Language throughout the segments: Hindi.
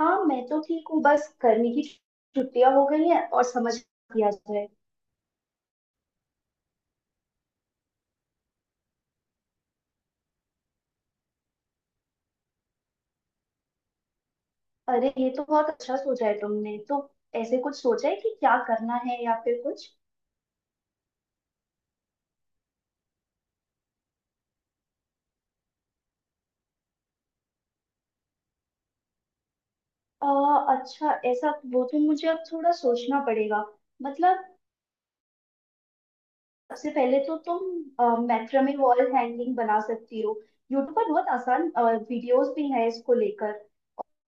हाँ, मैं तो ठीक हूँ। बस गर्मी की छुट्टियां हो गई हैं और समझ किया जाए। अरे, ये तो बहुत अच्छा सोचा है तुमने। तो ऐसे कुछ सोचा है कि क्या करना है या फिर कुछ? आ, अच्छा ऐसा, वो तो मुझे अब थोड़ा सोचना पड़ेगा। मतलब, सबसे पहले तो तुम मैक्रमे वॉल हैंगिंग बना सकती हो। यूट्यूब पर बहुत आसान वीडियोस भी हैं इसको लेकर,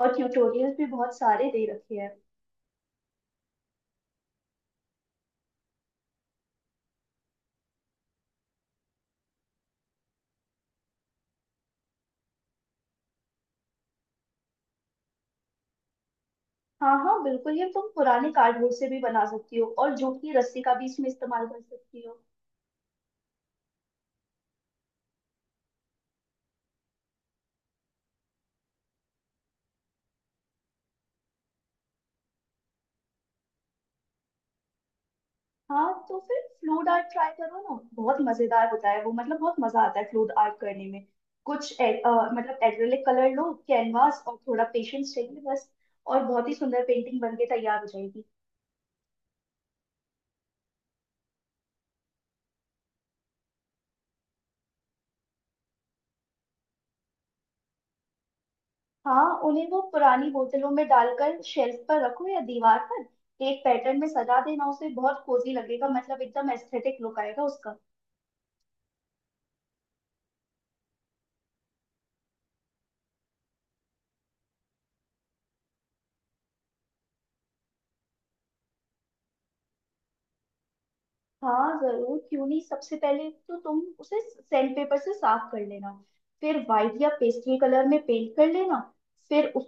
और ट्यूटोरियल्स भी बहुत सारे दे रखे हैं। हाँ हाँ, बिल्कुल। ये तुम पुराने कार्डबोर्ड से भी बना सकती हो और जूट की रस्सी का भी इसमें इस्तेमाल कर सकती हो। हाँ, तो फिर फ्लूड आर्ट ट्राई करो ना, बहुत मजेदार होता है वो। मतलब बहुत मजा आता है फ्लूड आर्ट करने में। कुछ मतलब एक्रेलिक कलर लो, कैनवास, और थोड़ा पेशेंस चाहिए बस। और बहुत ही सुंदर पेंटिंग बन के तैयार हो जाएगी। हाँ, उन्हें वो पुरानी बोतलों में डालकर शेल्फ पर रखो, या दीवार पर एक पैटर्न में सजा देना। उसे बहुत कोजी लगेगा, मतलब एकदम एस्थेटिक लुक आएगा उसका। हाँ जरूर, क्यों नहीं। सबसे पहले तो तुम उसे सैंड पेपर से साफ कर लेना। फिर व्हाइट या पेस्टल कलर में पेंट कर लेना। फिर उस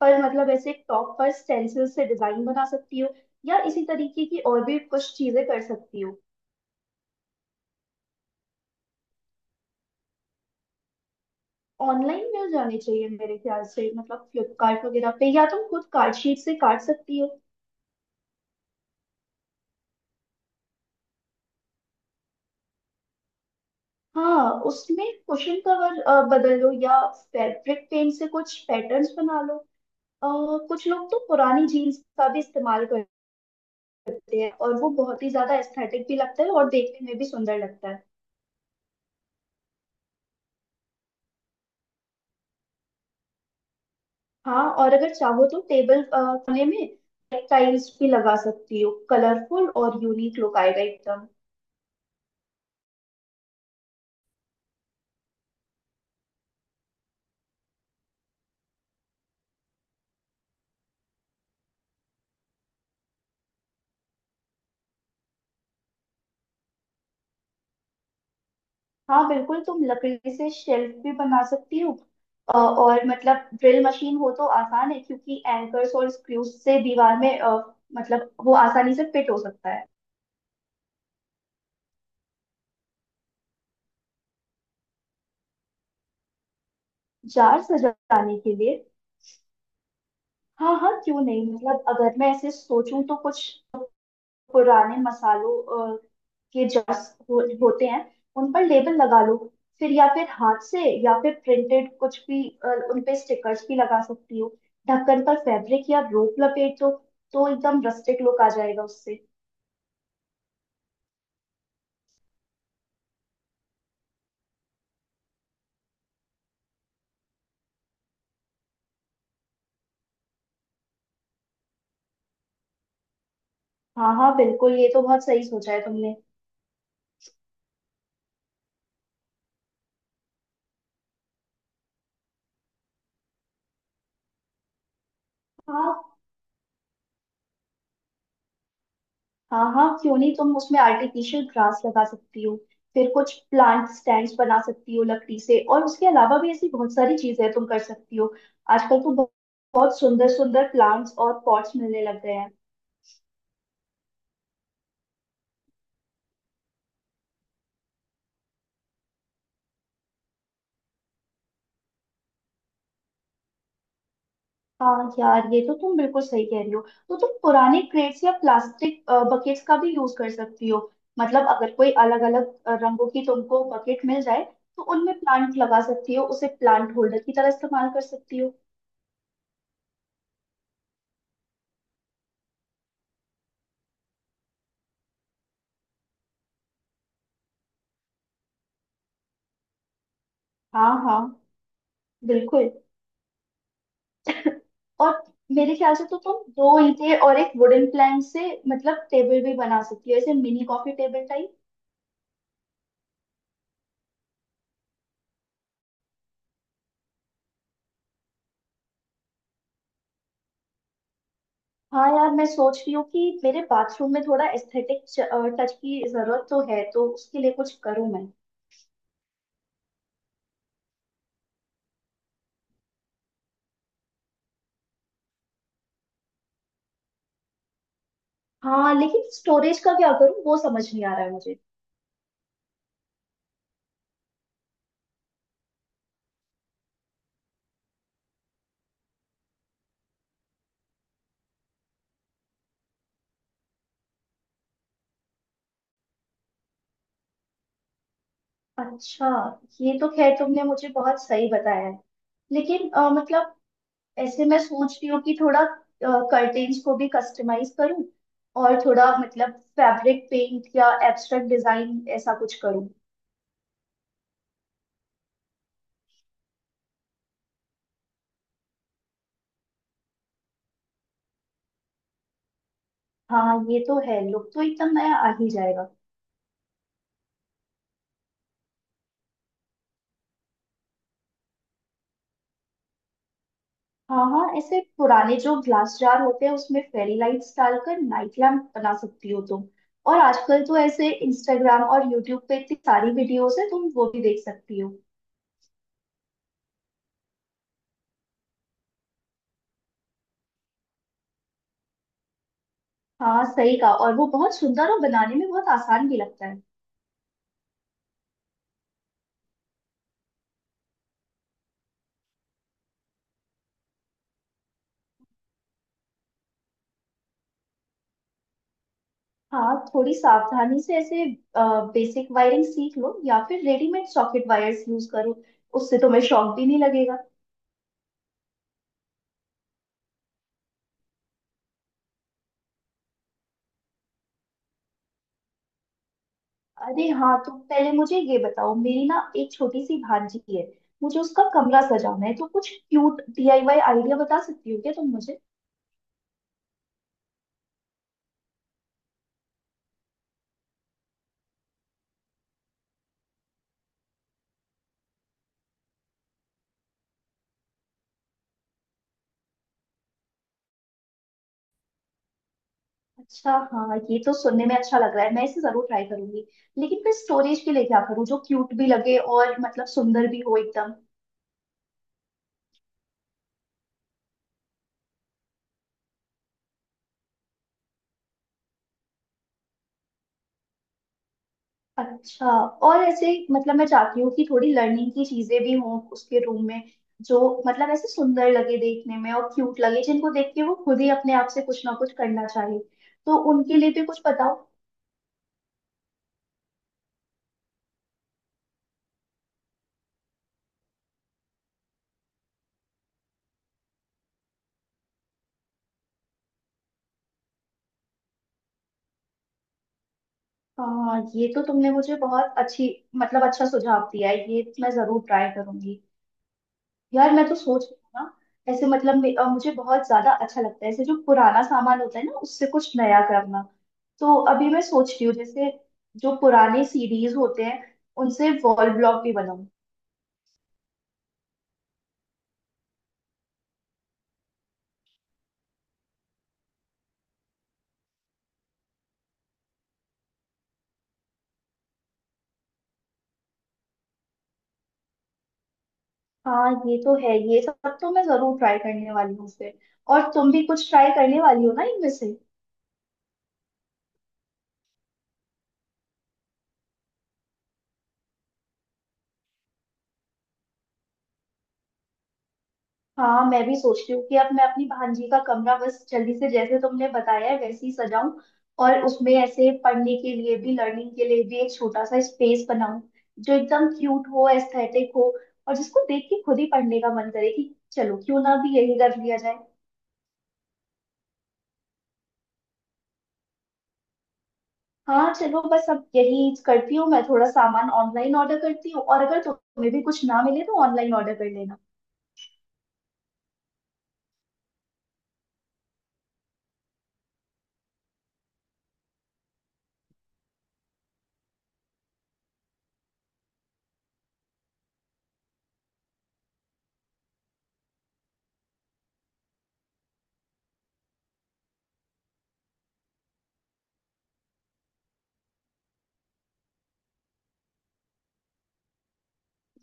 पर, मतलब ऐसे टॉप पर स्टेंसिल से डिजाइन बना सकती हो, या इसी तरीके की और भी कुछ चीजें कर सकती हो। ऑनलाइन मिल जाने चाहिए मेरे ख्याल से। मतलब फ्लिपकार्ट वगैरह पे, या तुम खुद कार्ड शीट से काट सकती हो। हाँ, उसमें कुशन कवर बदल लो, या फैब्रिक पेंट से कुछ पैटर्न्स बना लो। अ, कुछ लोग तो पुरानी जीन्स का भी इस्तेमाल कर करते हैं, और वो बहुत ही ज्यादा एस्थेटिक भी लगता है और देखने में भी सुंदर लगता है। हाँ, और अगर चाहो तो टेबल कोने में टाइल्स भी लगा सकती हो। कलरफुल और यूनिक लुक आएगा एकदम। हाँ बिल्कुल, तुम लकड़ी से शेल्फ भी बना सकती हो। और मतलब ड्रिल मशीन हो तो आसान है, क्योंकि एंकर्स और स्क्रूज से दीवार में मतलब वो आसानी से फिट हो सकता है। जार सजाने के लिए? हाँ हाँ, क्यों नहीं। मतलब अगर मैं ऐसे सोचूं तो कुछ पुराने मसालों अ, के जर्स होते हैं। उन पर लेबल लगा लो, फिर या फिर हाथ से या फिर प्रिंटेड कुछ भी उन पे स्टिकर्स भी लगा सकती हो। ढक्कन पर फैब्रिक या रोप लपेट दो, तो एकदम रस्टिक लुक आ जाएगा उससे। हाँ हाँ बिल्कुल, ये तो बहुत सही सोचा है तुमने। हाँ। हाँ हाँ, क्यों नहीं। तुम उसमें आर्टिफिशियल ग्रास लगा सकती हो, फिर कुछ प्लांट स्टैंड्स बना सकती हो लकड़ी से, और उसके अलावा भी ऐसी बहुत सारी चीजें तुम कर सकती हो। आजकल तो बहुत बहुत सुंदर सुंदर प्लांट्स और पॉट्स मिलने लग गए हैं। हाँ यार, ये तो तुम बिल्कुल सही कह रही हो। तो तुम पुराने क्रेट्स या प्लास्टिक बकेट्स का भी यूज कर सकती हो। मतलब अगर कोई अलग अलग रंगों की तुमको बकेट मिल जाए, तो उनमें प्लांट लगा सकती हो, उसे प्लांट होल्डर की तरह इस्तेमाल कर सकती हो। हाँ हाँ बिल्कुल। और मेरे ख्याल से तो तुम दो ईंटें और एक वुडन प्लैंक से, मतलब टेबल भी बना सकती हो, ऐसे मिनी कॉफी टेबल टाइप। हाँ यार, मैं सोच रही हूँ कि मेरे बाथरूम में थोड़ा एस्थेटिक टच की जरूरत तो है, तो उसके लिए कुछ करूँ मैं। हाँ, लेकिन स्टोरेज का क्या करूँ, वो समझ नहीं आ रहा है मुझे। अच्छा, ये तो खैर तुमने मुझे बहुत सही बताया है। लेकिन मतलब ऐसे मैं सोच रही हूँ कि थोड़ा कर्टेन्स को भी कस्टमाइज करूँ, और थोड़ा मतलब फैब्रिक पेंट या एब्स्ट्रैक्ट डिजाइन ऐसा कुछ करूँ। हाँ, ये तो है, लुक तो एकदम नया आ ही जाएगा। हाँ हाँ, ऐसे पुराने जो ग्लास जार होते हैं, उसमें फेरी लाइट्स डालकर नाइट लैम्प बना सकती हो तुम। और आजकल तो ऐसे इंस्टाग्राम और यूट्यूब पे इतनी सारी वीडियोस है, तुम वो भी देख सकती हो। हाँ सही कहा, और वो बहुत सुंदर और बनाने में बहुत आसान भी लगता है। हाँ, थोड़ी सावधानी से ऐसे बेसिक वायरिंग सीख लो, या फिर रेडीमेड सॉकेट वायर्स यूज करो। उससे तुम्हें शॉक भी नहीं लगेगा। अरे हाँ, तो पहले मुझे ये बताओ, मेरी ना एक छोटी सी भांजी है, मुझे उसका कमरा सजाना है, तो कुछ क्यूट डीआईवाई आइडिया बता सकती हो क्या तुम मुझे? अच्छा हाँ, ये तो सुनने में अच्छा लग रहा है, मैं इसे जरूर ट्राई करूंगी। लेकिन फिर स्टोरेज के लिए क्या करूँ, जो क्यूट भी लगे और मतलब सुंदर भी हो एकदम। अच्छा। और ऐसे मतलब मैं चाहती हूँ कि थोड़ी लर्निंग की चीजें भी हों उसके रूम में, जो मतलब ऐसे सुंदर लगे देखने में और क्यूट लगे, जिनको देख के वो खुद ही अपने आप से कुछ ना कुछ करना चाहे। तो उनके लिए भी कुछ बताओ। ये तो तुमने मुझे बहुत अच्छी, मतलब अच्छा सुझाव दिया है। ये मैं जरूर ट्राई करूंगी। यार मैं तो सोच रही हूँ ना, ऐसे मतलब मुझे बहुत ज्यादा अच्छा लगता है ऐसे जो पुराना सामान होता है ना, उससे कुछ नया करना। तो अभी मैं सोच रही हूँ, जैसे जो पुराने सीडीज होते हैं, उनसे वॉल ब्लॉक भी बनाऊं। हाँ ये तो है, ये सब तो मैं जरूर ट्राई करने वाली हूँ फिर। और तुम भी कुछ ट्राई करने वाली हो ना इनमें से? हाँ, मैं भी सोच रही हूँ कि अब मैं अपनी भांजी का कमरा बस जल्दी से, जैसे तुमने बताया है वैसे ही सजाऊं, और उसमें ऐसे पढ़ने के लिए भी, लर्निंग के लिए भी एक छोटा सा स्पेस बनाऊं, जो एकदम क्यूट हो, एस्थेटिक हो, और जिसको देख के खुद ही पढ़ने का मन करे कि चलो क्यों ना भी यही कर लिया जाए। हाँ चलो, बस अब यही करती हूँ मैं। थोड़ा सामान ऑनलाइन ऑर्डर करती हूँ, और अगर तुम्हें भी कुछ ना मिले तो ऑनलाइन ऑर्डर कर लेना।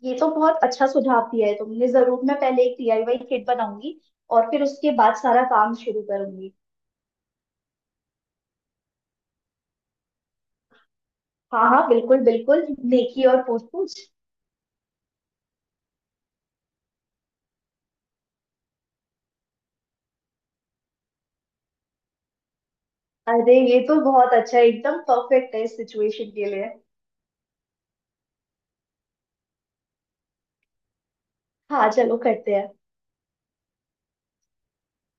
ये तो बहुत अच्छा सुझाव दिया है तुमने। जरूर मैं पहले एक डीआईवाई किट बनाऊंगी, और फिर उसके बाद सारा काम शुरू करूंगी। हाँ हाँ, बिल्कुल बिल्कुल। नेकी और पूछ पूछ। अरे, ये तो बहुत अच्छा है, एकदम परफेक्ट है इस सिचुएशन के लिए। हाँ चलो, करते हैं।